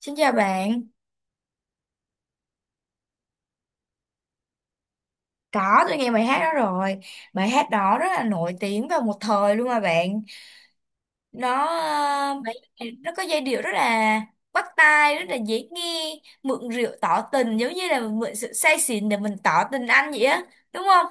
Xin chào bạn, có tôi nghe bài hát đó rồi. Bài hát đó rất là nổi tiếng vào một thời luôn mà bạn. Nó ờ, bài, nó có giai điệu rất là bắt tai, rất là dễ nghe. Mượn rượu tỏ tình giống như là mượn sự say xỉn để mình tỏ tình anh vậy á. Đúng không?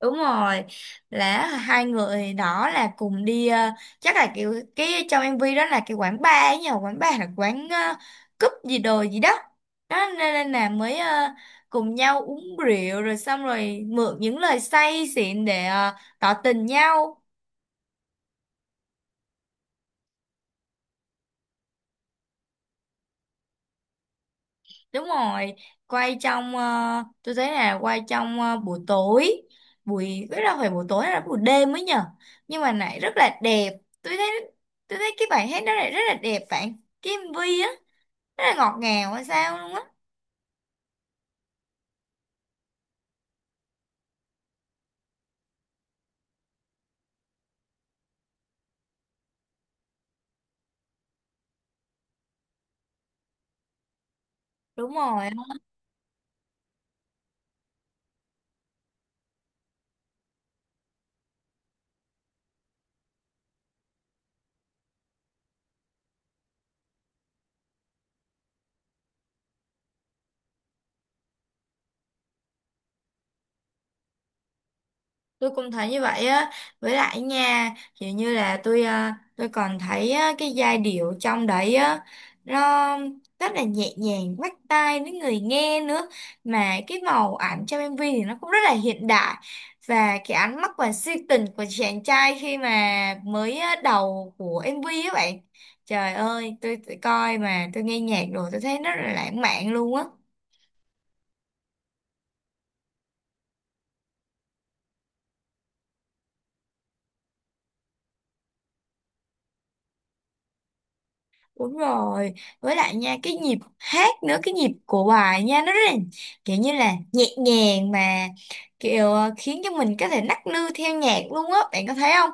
Đúng rồi, là hai người đó là cùng đi, chắc là kiểu cái trong MV đó là cái quán bar, ấy nhờ quán bar là quán, cúp gì đồ gì đó đó nên là mới, cùng nhau uống rượu rồi xong rồi mượn những lời say xịn để tỏ tình nhau. Đúng rồi, quay trong, tôi thấy là quay trong buổi tối, buổi, biết đâu phải buổi tối hay là buổi đêm mới nhở. Nhưng mà lại rất là đẹp. Tôi thấy tôi thấy cái bài hát đó lại rất là đẹp bạn. Cái MV á, rất là ngọt ngào hay sao luôn á. Đúng rồi. Tôi cũng thấy như vậy á, với lại nha, kiểu như là tôi còn thấy á, cái giai điệu trong đấy á, nó rất là nhẹ nhàng, bắt tai với người nghe nữa, mà cái màu ảnh trong MV thì nó cũng rất là hiện đại, và cái ánh mắt và si tình của chàng trai khi mà mới á, đầu của MV á bạn, trời ơi tôi coi mà tôi nghe nhạc rồi tôi thấy rất là lãng mạn luôn á. Đúng rồi, với lại nha cái nhịp hát nữa, cái nhịp của bài nha nó rất là kiểu như là nhẹ nhàng, mà kiểu, khiến cho mình có thể nắc nư theo nhạc luôn á, bạn có thấy không?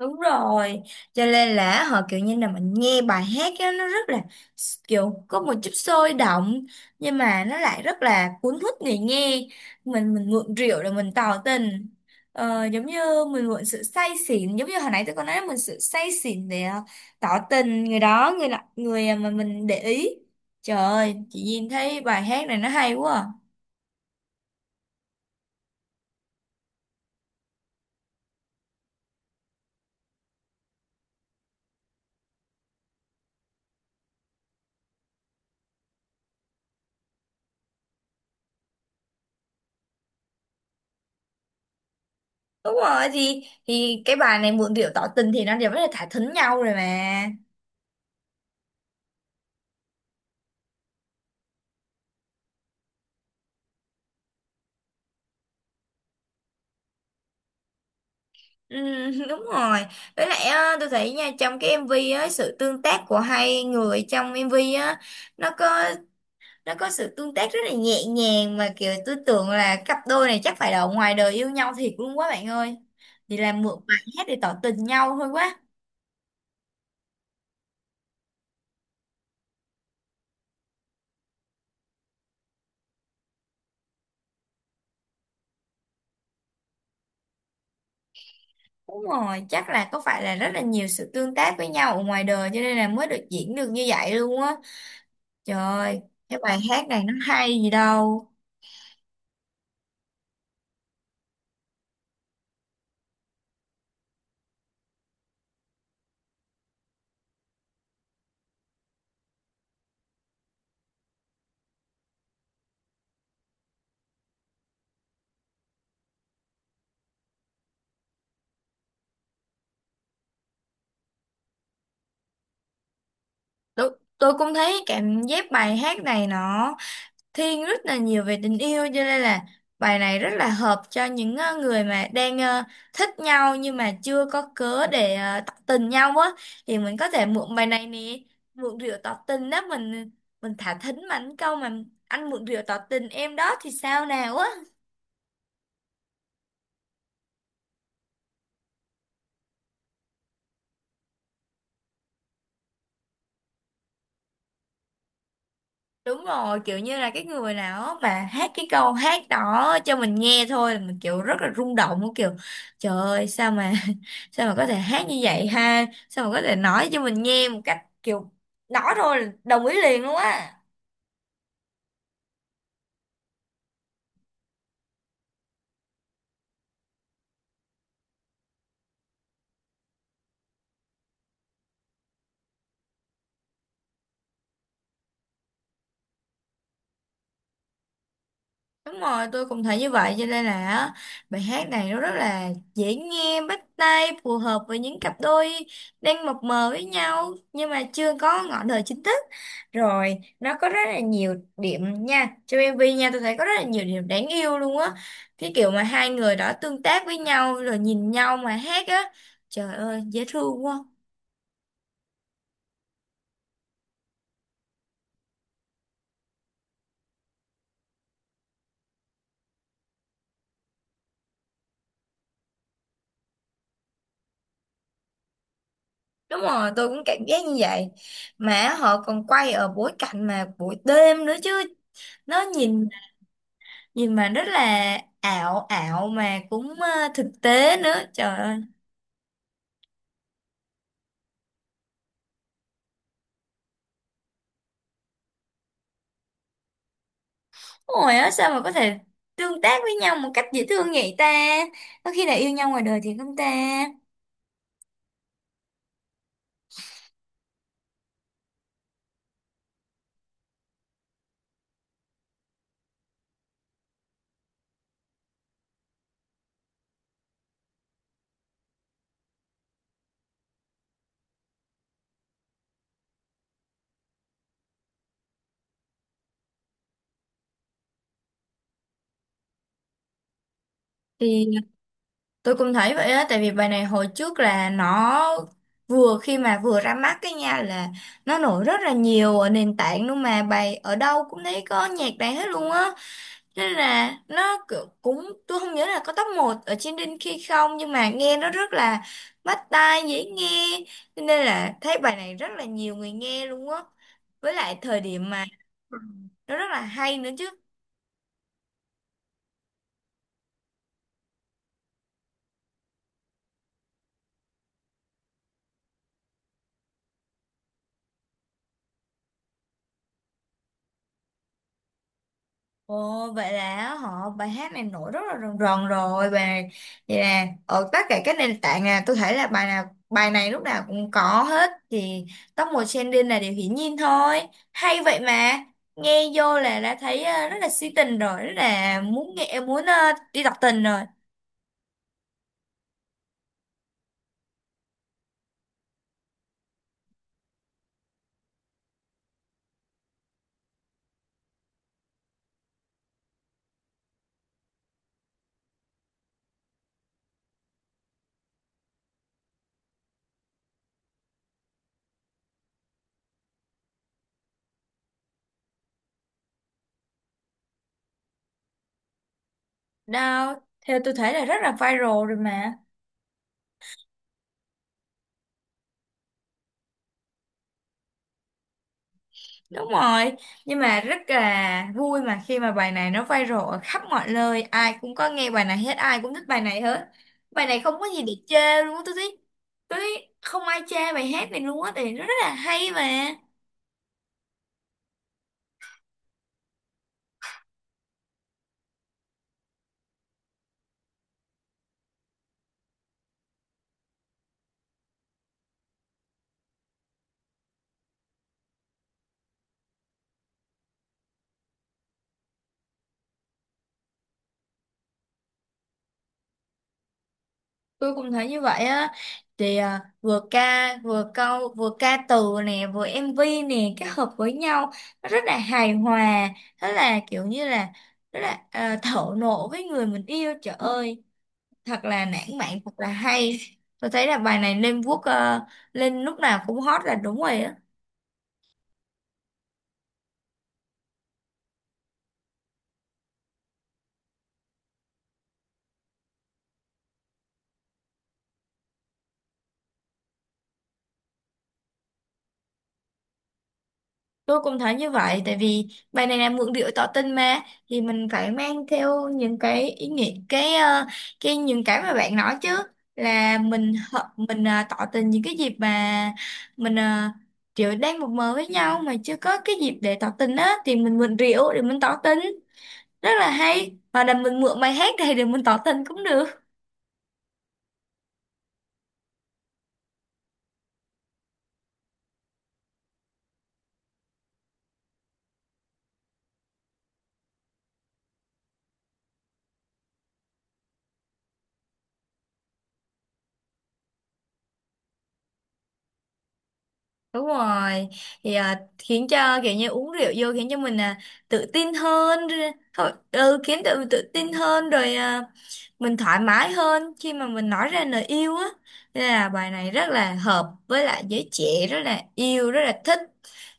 Đúng rồi, cho nên là họ kiểu như là mình nghe bài hát á, nó rất là kiểu có một chút sôi động nhưng mà nó lại rất là cuốn hút người nghe. Mình mượn rượu để mình tỏ tình. Ờ, giống như mình mượn sự say xỉn, giống như hồi nãy tôi có nói mình sự say xỉn để tỏ tình người đó, người mà mình để ý. Trời ơi, chị nhìn thấy bài hát này nó hay quá à. Đúng rồi, thì cái bài này mượn rượu tỏ tình thì nó đều rất là thả thính nhau rồi mà. Ừ, đúng rồi, với lại á, tôi thấy nha trong cái MV á sự tương tác của hai người trong MV á, nó có nó có sự tương tác rất là nhẹ nhàng, mà kiểu tôi tưởng là cặp đôi này chắc phải là ở ngoài đời yêu nhau thiệt luôn quá bạn ơi, thì làm mượn bài hát để tỏ tình nhau thôi quá. Đúng rồi, chắc là có phải là rất là nhiều sự tương tác với nhau ở ngoài đời cho nên là mới được diễn được như vậy luôn á. Trời ơi, cái bài hát này nó hay gì đâu. Tôi tôi cũng thấy cảm giác bài hát này nó thiên rất là nhiều về tình yêu, cho nên là bài này rất là hợp cho những người mà đang thích nhau nhưng mà chưa có cớ để tỏ tình nhau á, thì mình có thể mượn bài này nè, mượn rượu tỏ tình đó mình thả thính mà anh câu mà anh mượn rượu tỏ tình em đó thì sao nào á. Đúng rồi, kiểu như là cái người nào mà hát cái câu hát đó cho mình nghe thôi là mình kiểu rất là rung động luôn, kiểu trời ơi sao mà sao mà có thể hát như vậy ha, sao mà có thể nói cho mình nghe một cách kiểu nói thôi là đồng ý liền luôn á. Đúng rồi, tôi cũng thấy như vậy cho nên là á, bài hát này nó rất là dễ nghe, bắt tai, phù hợp với những cặp đôi đang mập mờ với nhau nhưng mà chưa có ngọn đời chính thức. Rồi, nó có rất là nhiều điểm nha. Trong MV nha, tôi thấy có rất là nhiều điểm đáng yêu luôn á. Cái kiểu mà hai người đó tương tác với nhau rồi nhìn nhau mà hát á. Trời ơi, dễ thương quá. Đúng rồi, tôi cũng cảm giác như vậy. Mà họ còn quay ở bối cảnh mà buổi đêm nữa chứ, nó nhìn gì mà rất là ảo ảo mà cũng thực tế nữa, trời ơi. Ôi á sao mà có thể tương tác với nhau một cách dễ thương vậy ta, có khi là yêu nhau ngoài đời thì không ta. Thì tôi cũng thấy vậy á, tại vì bài này hồi trước là nó vừa khi mà vừa ra mắt cái nha là nó nổi rất là nhiều ở nền tảng luôn, mà bài ở đâu cũng thấy có nhạc này hết luôn á. Nên là nó cũng, tôi không nhớ là có top một ở trên Đinh khi không, nhưng mà nghe nó rất là bắt tai, dễ nghe. Cho nên là thấy bài này rất là nhiều người nghe luôn á, với lại thời điểm mà nó rất là hay nữa chứ. Ồ, vậy là họ bài hát này nổi rất là rần rần rồi, và vậy là ở tất cả các nền tảng là tôi thấy là bài nào bài này lúc nào cũng có hết, thì top 1 trending là điều hiển nhiên thôi, hay vậy mà. Nghe vô là đã thấy ờ, rất là si tình rồi, rất là muốn nghe muốn đi đọc tình rồi. Đâu, theo tôi thấy là rất là viral rồi mà. Đúng rồi, nhưng mà rất là vui mà khi mà bài này nó viral ở khắp mọi nơi, ai cũng có nghe bài này hết, ai cũng thích bài này hết. Bài này không có gì để chê luôn á, tôi thấy không ai chê bài hát này luôn á, tại vì nó rất là hay mà. Tôi cũng thấy như vậy á, thì vừa ca, vừa câu, vừa ca từ nè, vừa MV nè, kết hợp với nhau, nó rất là hài hòa, rất là kiểu như là, rất là thổ nộ với người mình yêu, trời ơi. Thật là lãng mạn, thật là hay. Tôi thấy là bài này lên lúc nào cũng hot là đúng rồi á. Tôi cũng thấy như vậy tại vì bài này là mượn điệu tỏ tình mà, thì mình phải mang theo những cái ý nghĩa cái ờ, cái những cái mà bạn nói chứ, là mình ờ, tỏ tình những cái dịp mà mình kiểu đang mập mờ với nhau mà chưa có cái dịp để tỏ tình á, thì mình mượn rượu để mình tỏ tình, rất là hay, hoặc là mình mượn bài hát này để mình tỏ tình cũng được. Đúng rồi, khiến cho kiểu như uống rượu vô khiến cho mình tự tin hơn rồi, khiến tự tự tin hơn rồi, mình thoải mái hơn khi mà mình nói ra lời yêu á, nên là bài này rất là hợp với lại giới trẻ rất là yêu rất là thích,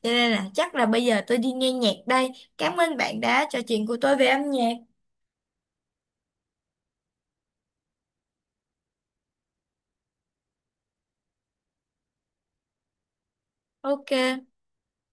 cho nên là chắc là bây giờ tôi đi nghe nhạc đây. Cảm ơn bạn đã trò chuyện của tôi về âm nhạc. OK.